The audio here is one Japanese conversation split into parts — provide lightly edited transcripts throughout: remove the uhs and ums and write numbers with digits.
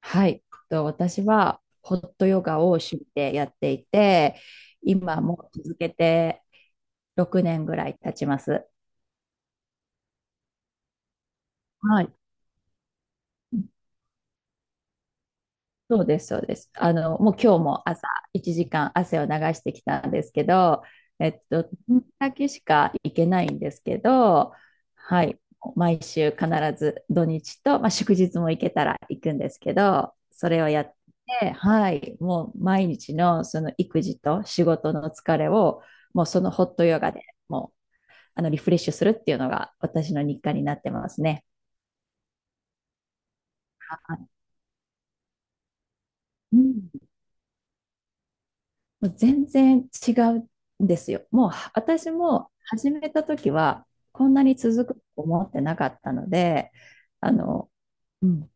はい。と私はホットヨガを趣味でやっていて、今も続けて6年ぐらい経ちます。はい。そうです、そうです。もう今日も朝1時間汗を流してきたんですけど、えっと、だけしか行けないんですけど、はい、毎週必ず土日と、まあ、祝日も行けたら行くんですけど、それをやって、はい、もう毎日のその育児と仕事の疲れを、もうそのホットヨガでもうリフレッシュするっていうのが私の日課になってますね。あ、うん、もう全然違うんですよ。もう私も始めた時はこんなに続くと思ってなかったので、あの、うん、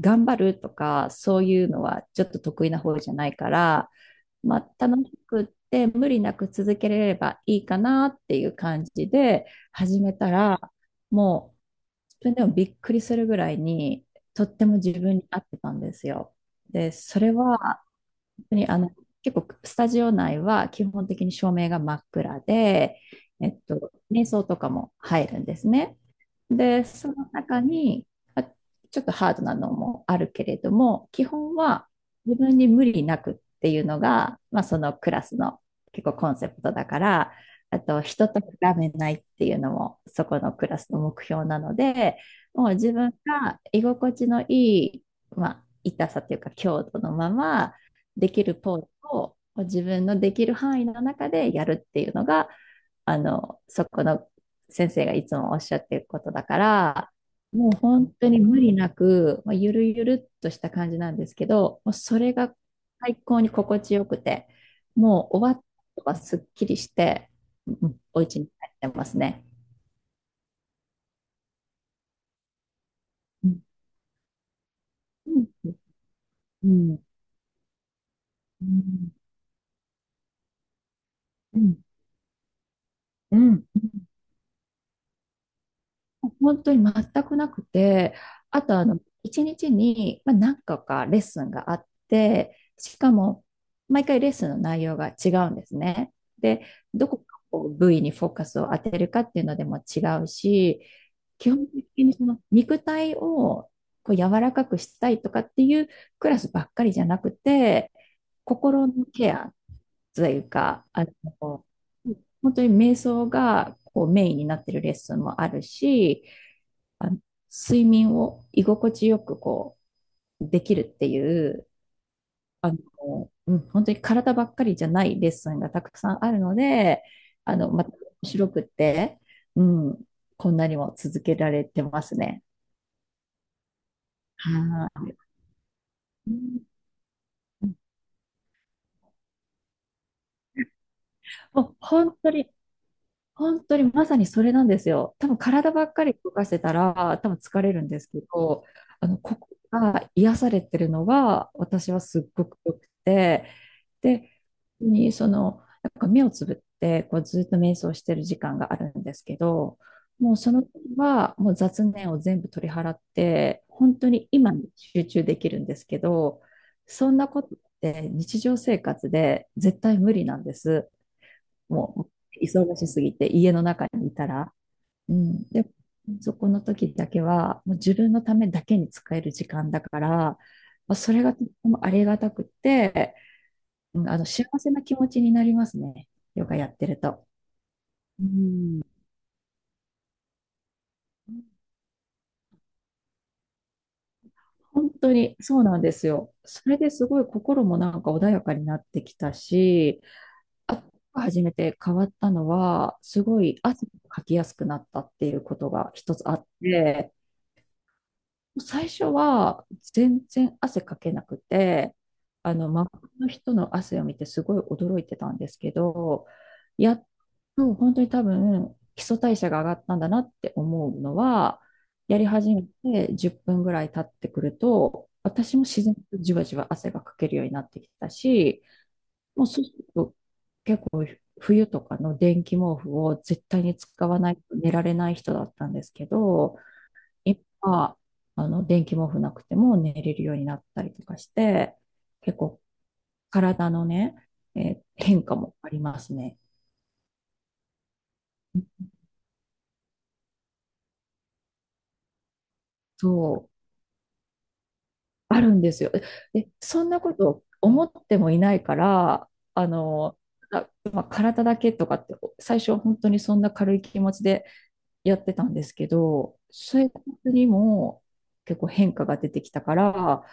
頑張るとかそういうのはちょっと得意な方じゃないから、まあ、楽しくって無理なく続けれればいいかなっていう感じで始めたら、もう自分でもびっくりするぐらいにとっても自分に合ってたんですよ。で、それは当に結構スタジオ内は基本的に照明が真っ暗で、瞑想とかも入るんですね。で、その中に、ちょっとハードなのもあるけれども、基本は自分に無理なくっていうのが、まあ、そのクラスの結構コンセプトだから、あと人と比べないっていうのもそこのクラスの目標なので、もう自分が居心地のいい、まあ、痛さというか強度のまま、できるポーズを自分のできる範囲の中でやるっていうのが、そこの先生がいつもおっしゃってることだから、もう本当に無理なく、まあ、ゆるゆるっとした感じなんですけど、もうそれが最高に心地よくて、もう終わったはすっきりして、うん、お家に帰ってますね。うん、うん、うん、うん、うん。うん、本当に全くなくて、あと一日にちに、まあ、何個かレッスンがあって、しかも、毎回レッスンの内容が違うんですね。で、どこかこう部位にフォーカスを当てるかっていうのでも違うし、基本的にその肉体をこう柔らかくしたいとかっていうクラスばっかりじゃなくて、心のケアというか、の、本当に瞑想がこうメインになってるレッスンもあるし、あの睡眠を居心地よくこうできるっていう、うん、本当に体ばっかりじゃないレッスンがたくさんあるので、また面白くって、うん、こんなにも続けられてますね。はい。うん、もう本当に、本当にまさにそれなんですよ。多分体ばっかり動かしてたら、多分疲れるんですけど、ここが癒されてるのが、私はすっごく良くて、で、にその、なんか目をつぶって、こうずっと瞑想してる時間があるんですけど、もうその時はもう雑念を全部取り払って、本当に今に集中できるんですけど、そんなことって日常生活で絶対無理なんです。もう忙しすぎて家の中にいたら。うん、で、そこの時だけはもう自分のためだけに使える時間だから、まあそれがとってもありがたくて、うん、幸せな気持ちになりますね。ヨガやってると。うん。本当にそうなんですよ。それですごい心もなんか穏やかになってきたし、あと初めて変わったのは、すごい汗をかきやすくなったっていうことが一つあって、最初は全然汗かけなくて、周りの人の汗を見てすごい驚いてたんですけど、やっと本当に多分基礎代謝が上がったんだなって思うのは、やり始めて10分ぐらい経ってくると、私も自然とじわじわ汗がかけるようになってきたし、もうそうすると冬とかの電気毛布を絶対に使わないと寝られない人だったんですけど、今は、電気毛布なくても寝れるようになったりとかして、結構体のね、変化もありますね。そう、あるんですよ。で、そんなこと思ってもいないから、あの、まあ、体だけとかって、最初は本当にそんな軽い気持ちでやってたんですけど、生活にも結構変化が出てきたから、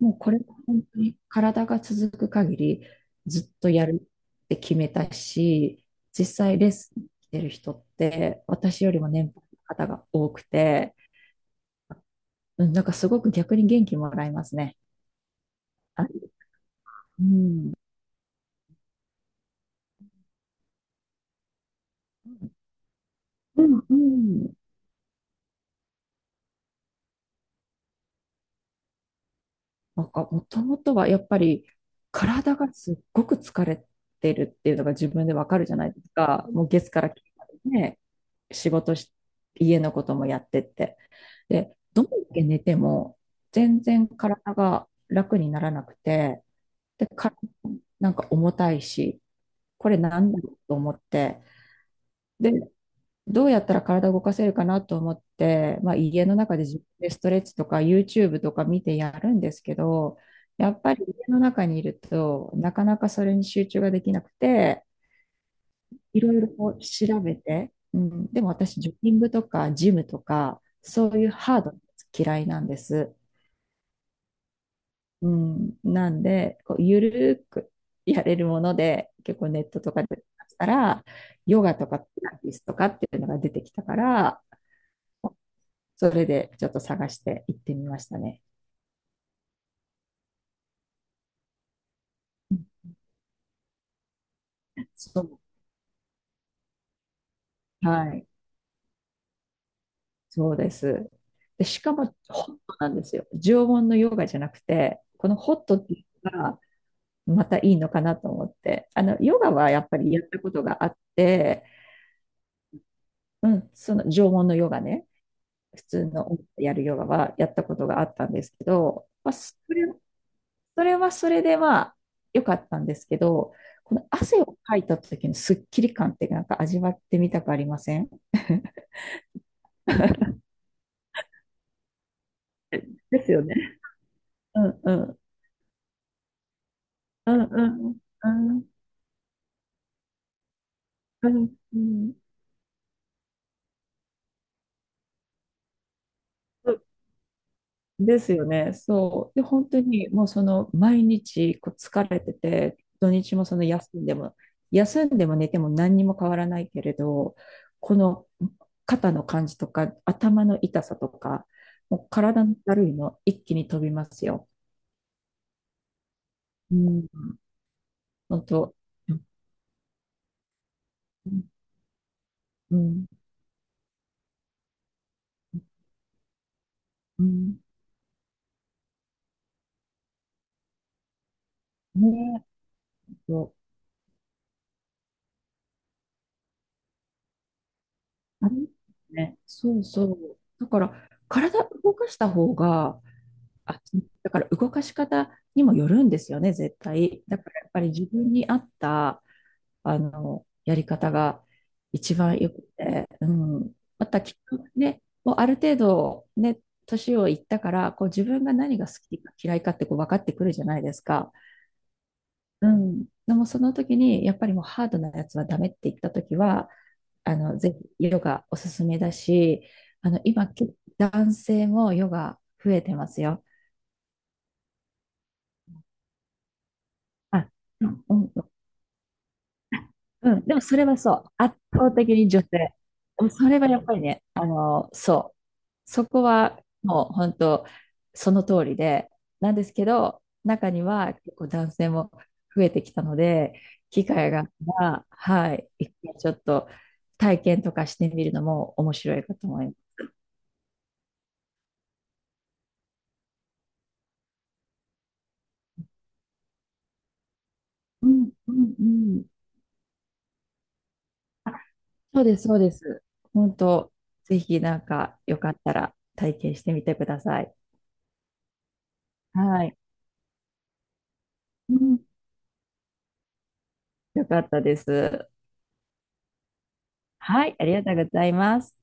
もうこれは本当に体が続く限りずっとやるって決めたし、実際レッスン来てる人って私よりも年配の方が多くて、うん、なんかすごく逆に元気もらえますね。あ、うん、うんうん。なんかもともとはやっぱり体がすっごく疲れてるっていうのが自分でわかるじゃないですか。もう月から金までね、仕事し、家のこともやってって。で、どんだけ寝ても全然体が楽にならなくて、で、体もなんか重たいし、これなんだろうと思って、で、どうやったら体を動かせるかなと思って、まあ、家の中で自分でストレッチとか YouTube とか見てやるんですけど、やっぱり家の中にいると、なかなかそれに集中ができなくて、いろいろこう調べて、うん、でも私、ジョギングとかジムとか、そういうハードなやつ嫌いなんです。うん、なんで、こうゆるーくやれるもので、結構ネットとかで探したら、ヨガとかピラティスとかっていうのが出てきたから、それでちょっと探して行ってみましたね。そう、はい、そうです。で、しかもホットなんですよ。常温のヨガじゃなくて、このホットっていうのが、またいいのかなと思って。ヨガはやっぱりやったことがあって、うん、その縄文のヨガね、普通のやるヨガはやったことがあったんですけど、まあ、それはそれでまあ良かったんですけど、この汗をかいた時のスッキリ感ってなんか味わってみたくありません？ ですよね。うんうん。うんうん。うんうん。うん、ですよね。そう。で、本当にもうその毎日こう疲れてて、土日もその休んでも、休んでも寝ても何にも変わらないけれど、この肩の感じとか頭の痛さとか、もう体のだるいの一気に飛びますよ。うん。本当。うん。うん。ねえ。そうあれね。そうそう。だから、体動かした方が、あ、だから動かし方にもよるんですよね、絶対。だからやっぱり自分に合った、やり方が一番よくて、うん。またきっとね、もうある程度ね、年をいったから、こう自分が何が好きか嫌いかってこう分かってくるじゃないですか。うん。でもその時に、やっぱりもうハードなやつはダメって言った時は、ぜひヨガおすすめだし、今、結構男性もヨガ増えてますよ。あ、うん、うんうん、でもそれはそう、圧倒的に女性。うん、それはやっぱりね、そう、そこはもう本当、その通りで、なんですけど、中には結構男性も増えてきたので、機会があったら、はい、一回ちょっと体験とかしてみるのも面白いかと思います。うんうんうん。あ、そうです、そうです。本当、ぜひなんかよかったら体験してみてください。はい。うん、よかったです。はい、ありがとうございます。